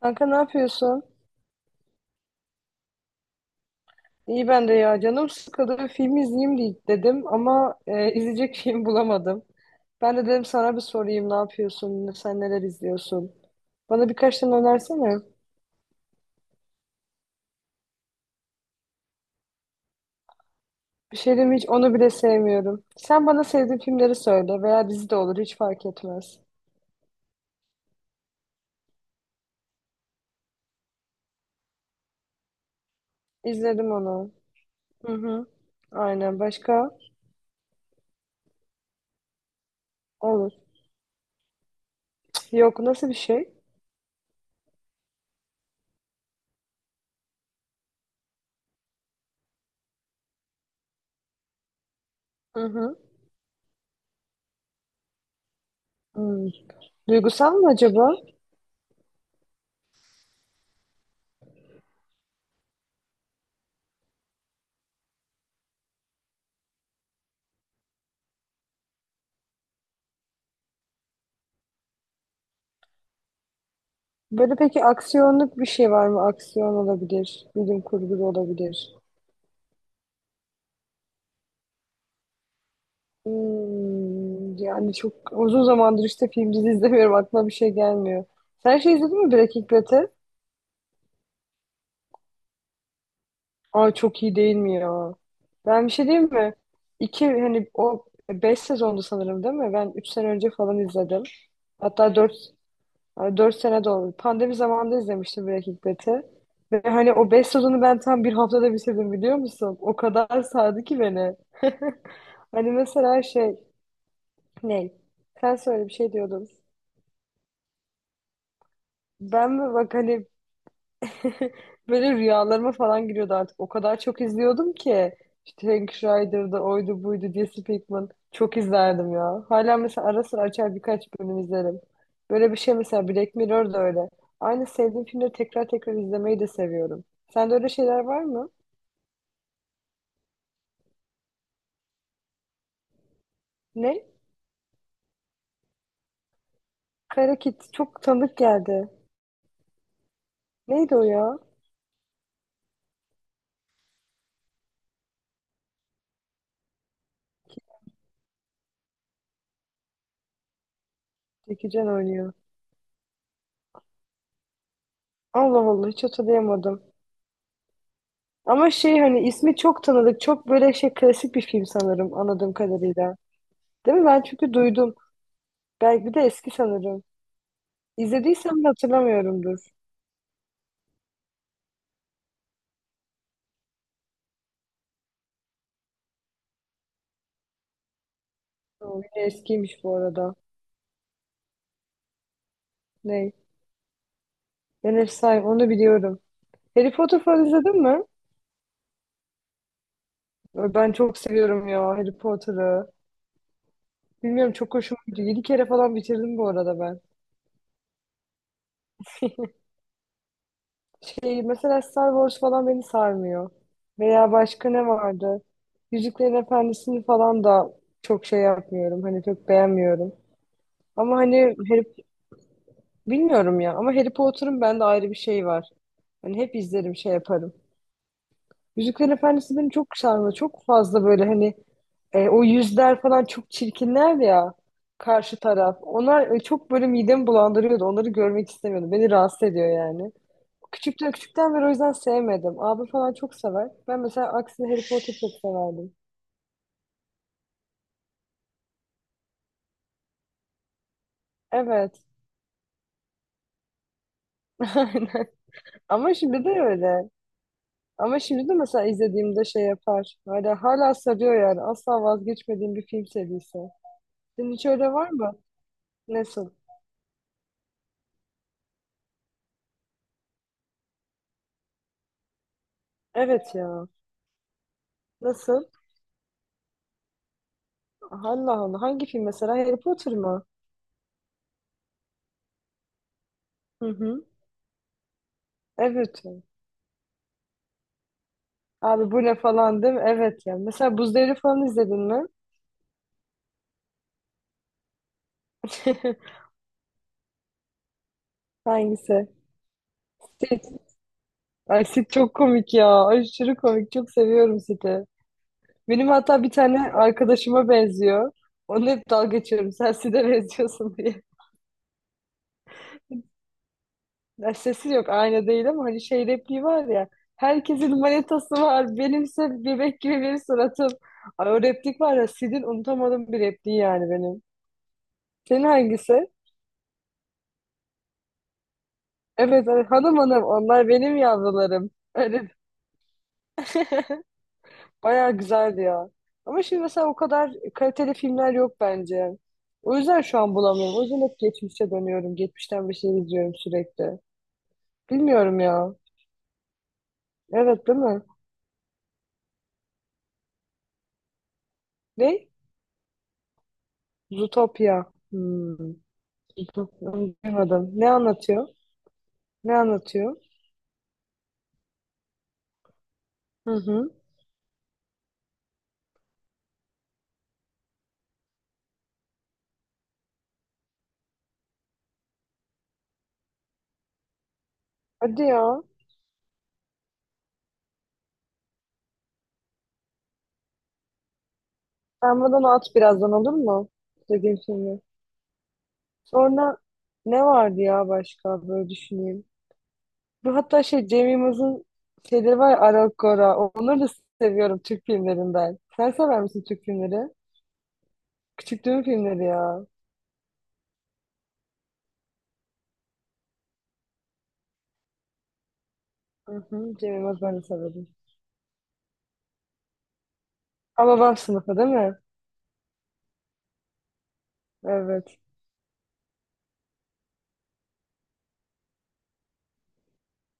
Kanka ne yapıyorsun? İyi ben de ya. Canım sıkıldı. Bir film izleyeyim diye dedim ama izleyecek film bulamadım. Ben de dedim sana bir sorayım, ne yapıyorsun? Sen neler izliyorsun? Bana birkaç tane önersene. Bir şey diyeyim mi, hiç onu bile sevmiyorum. Sen bana sevdiğin filmleri söyle, veya dizi de olur, hiç fark etmez. İzledim onu. Hı hı. Aynen, başka? Olur. Yok, nasıl bir şey? Hı hı. Hmm. Duygusal mı acaba? Böyle peki, aksiyonluk bir şey var mı? Aksiyon olabilir, bilim kurgu da olabilir. Hmm, yani çok uzun zamandır işte film dizi izlemiyorum. Aklıma bir şey gelmiyor. Sen şey izledin mi, Breaking Bad'i? Aa, çok iyi değil mi ya? Ben bir şey diyeyim mi? İki, hani o 5 sezondu sanırım, değil mi? Ben 3 sene önce falan izledim. Hatta dört, yani 4 sene de oldu. Pandemi zamanında izlemiştim Breaking Bad'i. Ve hani o 5 sezonu ben tam 1 haftada bitirdim, biliyor musun? O kadar sardı ki beni. Hani mesela şey, ne? Sen söyle, bir şey diyordun. Ben mi bak hani böyle rüyalarıma falan giriyordu artık. O kadar çok izliyordum ki. İşte Hank Schrader'da oydu buydu diye Pinkman. Çok izlerdim ya. Hala mesela ara sıra açar birkaç bölüm izlerim. Böyle bir şey mesela, Black Mirror da öyle. Aynı sevdiğim filmleri tekrar tekrar izlemeyi de seviyorum. Sende öyle şeyler var mı? Ne? Kara Kit çok tanıdık geldi. Neydi o ya? Jackie Chan oynuyor. Allah Allah, hiç hatırlayamadım. Ama şey, hani ismi çok tanıdık. Çok böyle şey klasik bir film sanırım, anladığım kadarıyla. Değil mi? Ben çünkü duydum. Belki de eski sanırım. İzlediysem de hatırlamıyorumdur. O yine eskiymiş bu arada. Ney? Ben Efsane, onu biliyorum. Harry Potter falan izledin mi? Ay, ben çok seviyorum ya Harry Potter'ı. Bilmiyorum, çok hoşuma gidiyor. 7 kere falan bitirdim bu arada ben. Şey, mesela Star Wars falan beni sarmıyor. Veya başka ne vardı? Yüzüklerin Efendisi'ni falan da çok şey yapmıyorum. Hani çok beğenmiyorum. Ama hani Harry, bilmiyorum ya. Ama Harry Potter'ın bende ayrı bir şey var. Hani hep izlerim, şey yaparım. Yüzüklerin Efendisi beni çok sarmıyor. Çok fazla böyle hani o yüzler falan çok çirkinler ya, karşı taraf. Onlar çok böyle midemi bulandırıyordu. Onları görmek istemiyordum. Beni rahatsız ediyor yani. Küçükten beri o yüzden sevmedim. Abi falan çok sever. Ben mesela aksine Harry Potter çok severdim. Evet. Aynen. Ama şimdi de öyle. Ama şimdi de mesela izlediğimde şey yapar. Hala sarıyor yani. Asla vazgeçmediğim bir film serisi. Senin hiç öyle var mı? Nasıl? Evet ya. Nasıl? Allah Allah. Hangi film mesela? Harry Potter mı? Hı hı. Evet. Abi bu ne falan, değil mi? Evet ya. Mesela Buz Devri falan izledin mi? Hangisi? Ay, Sid çok komik ya. Aşırı komik. Çok seviyorum Sid'i. Benim hatta bir tane arkadaşıma benziyor. Onunla hep dalga geçiyorum, sen Sid'e benziyorsun diye. Ya sesi yok, aynı değil, ama hani şey repliği var ya. Herkesin manetası var. Benimse bebek gibi bir suratım. Ay, o replik var ya Sid'in, unutamadığım bir repliği yani benim. Senin hangisi? Evet, evet, hanım hanım onlar benim yavrularım. Bayağı güzeldi ya. Ama şimdi mesela o kadar kaliteli filmler yok bence. O yüzden şu an bulamıyorum. O yüzden hep geçmişe dönüyorum. Geçmişten bir şey izliyorum sürekli. Bilmiyorum ya. Evet, değil mi? Ne? Zootopia. Hmm. Zootopia. Onu duymadım. Ne anlatıyor? Ne anlatıyor? Hı hı. Hadi ya. Sen bana at birazdan, olur mu? Dediğim filmi. Sonra ne vardı ya başka, böyle düşüneyim. Bu hatta şey Cem Yılmaz'ın şeyleri var ya, Aral Gora. Onları da seviyorum Türk filmlerinden. Sen sever misin Türk filmleri? Küçüklüğün filmleri ya. Hı hı, Cem Yılmaz ben de severim. Ama babam sınıfı, değil mi? Evet.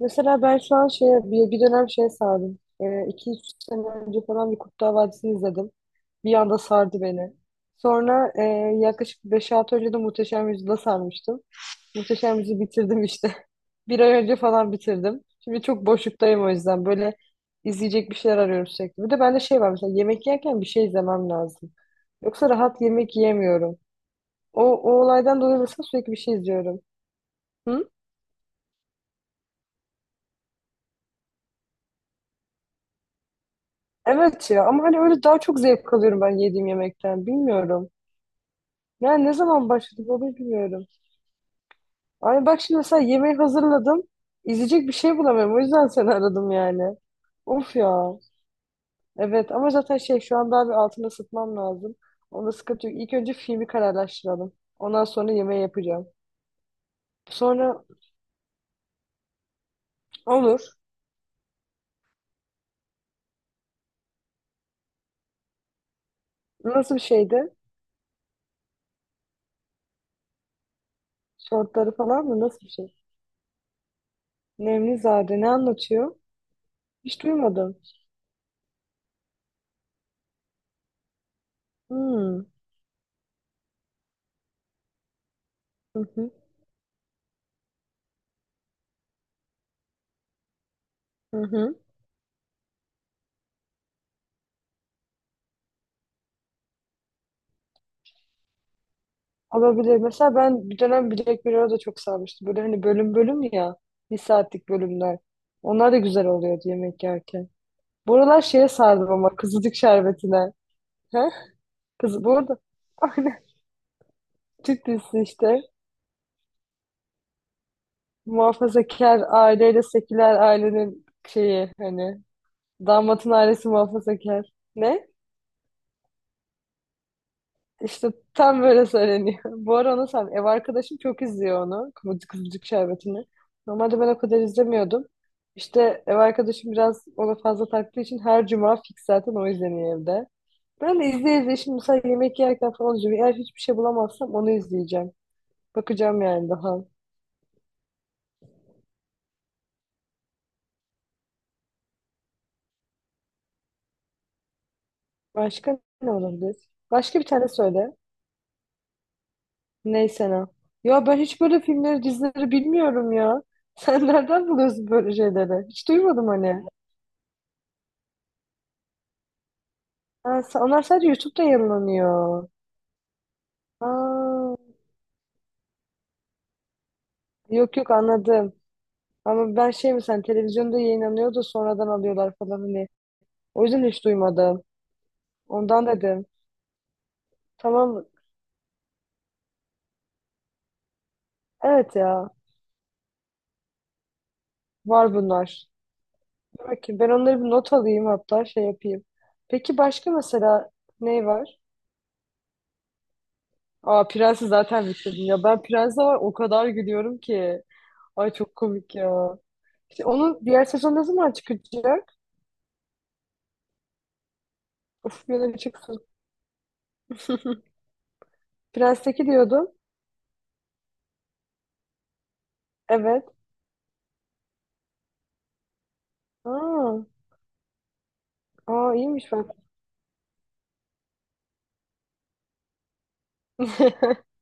Mesela ben şu an şeye, bir dönem şeye sardım. 2-3 sene önce falan bir Kurtlar Vadisi'ni izledim. Bir anda sardı beni. Sonra yaklaşık beş 6 önce de Muhteşem Yüzyıl'a sarmıştım. Muhteşem Yüzyıl'ı bitirdim işte. Bir ay önce falan bitirdim. Şimdi çok boşluktayım o yüzden. Böyle izleyecek bir şeyler arıyorum sürekli. Bir de bende şey var, mesela yemek yerken bir şey izlemem lazım. Yoksa rahat yemek yiyemiyorum. O olaydan dolayı mesela sürekli bir şey izliyorum. Hı? Evet ya, ama hani öyle daha çok zevk alıyorum ben yediğim yemekten. Bilmiyorum. Yani ne zaman başladı onu bilmiyorum. Ay bak şimdi mesela yemeği hazırladım. İzleyecek bir şey bulamıyorum. O yüzden seni aradım yani. Of ya. Evet, ama zaten şey şu an daha bir altını ısıtmam lazım. Onda sıkıntı yok. İlk önce filmi kararlaştıralım. Ondan sonra yemeği yapacağım. Sonra, olur. Nasıl bir şeydi? Şortları falan mı? Nasıl bir şey? Nemlizade ne anlatıyor? Hiç duymadım. Hmm. Hı hı. Hı hı. Olabilir. Mesela ben bir dönem Black Mirror'a da çok sarmıştım. Böyle hani bölüm bölüm ya. Bir saatlik bölümler. Onlar da güzel oluyordu yemek yerken. Buralar şeye sardım ama, kızılcık şerbetine. He? Kız, bu arada Türk işte muhafazakar aileyle seküler ailenin şeyi hani, damatın ailesi muhafazakar. Ne? İşte tam böyle söyleniyor. Bu ara onu sen, ev arkadaşım çok izliyor onu. Kıvırcık Kıvırcık Şerbeti'ni. Normalde ben o kadar izlemiyordum. İşte ev arkadaşım biraz ona fazla taktığı için her cuma fix zaten o izleniyor evde. Ben de izleye izleye şimdi mesela yemek yerken falan izliyorum. Eğer hiçbir şey bulamazsam onu izleyeceğim. Bakacağım yani daha. Başka ne olabilir? Başka bir tane söyle. Neyse ne. Ya ben hiç böyle filmleri, dizileri bilmiyorum ya. Sen nereden buluyorsun böyle şeyleri? Hiç duymadım hani. Ha, onlar sadece YouTube'da yayınlanıyor. Aa, yok yok, anladım. Ama ben şey mi, sen televizyonda yayınlanıyor da sonradan alıyorlar falan hani. O yüzden hiç duymadım. Ondan dedim. Tamam. Evet ya. Var bunlar. Dur bakayım. Ben onları bir not alayım, hatta şey yapayım. Peki başka mesela ne var? Aa, Prens'i zaten bitirdim ya. Ben Prens'e var, o kadar gülüyorum ki. Ay çok komik ya. İşte onun diğer sezon ne zaman çıkacak? Of ya, da bir an önce çıksın. Prens'teki diyordum. Evet. Aa, aa iyiymiş bak.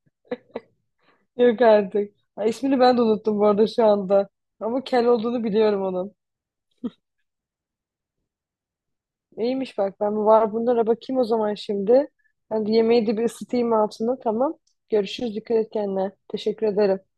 Yok artık. Ha, ismini ben de unuttum bu arada şu anda. Ama kel olduğunu biliyorum onun. İyiymiş bak, ben var bunlara bakayım o zaman şimdi. Ben de yemeği de bir ısıtayım altına, tamam. Görüşürüz, dikkat et kendine. Teşekkür ederim.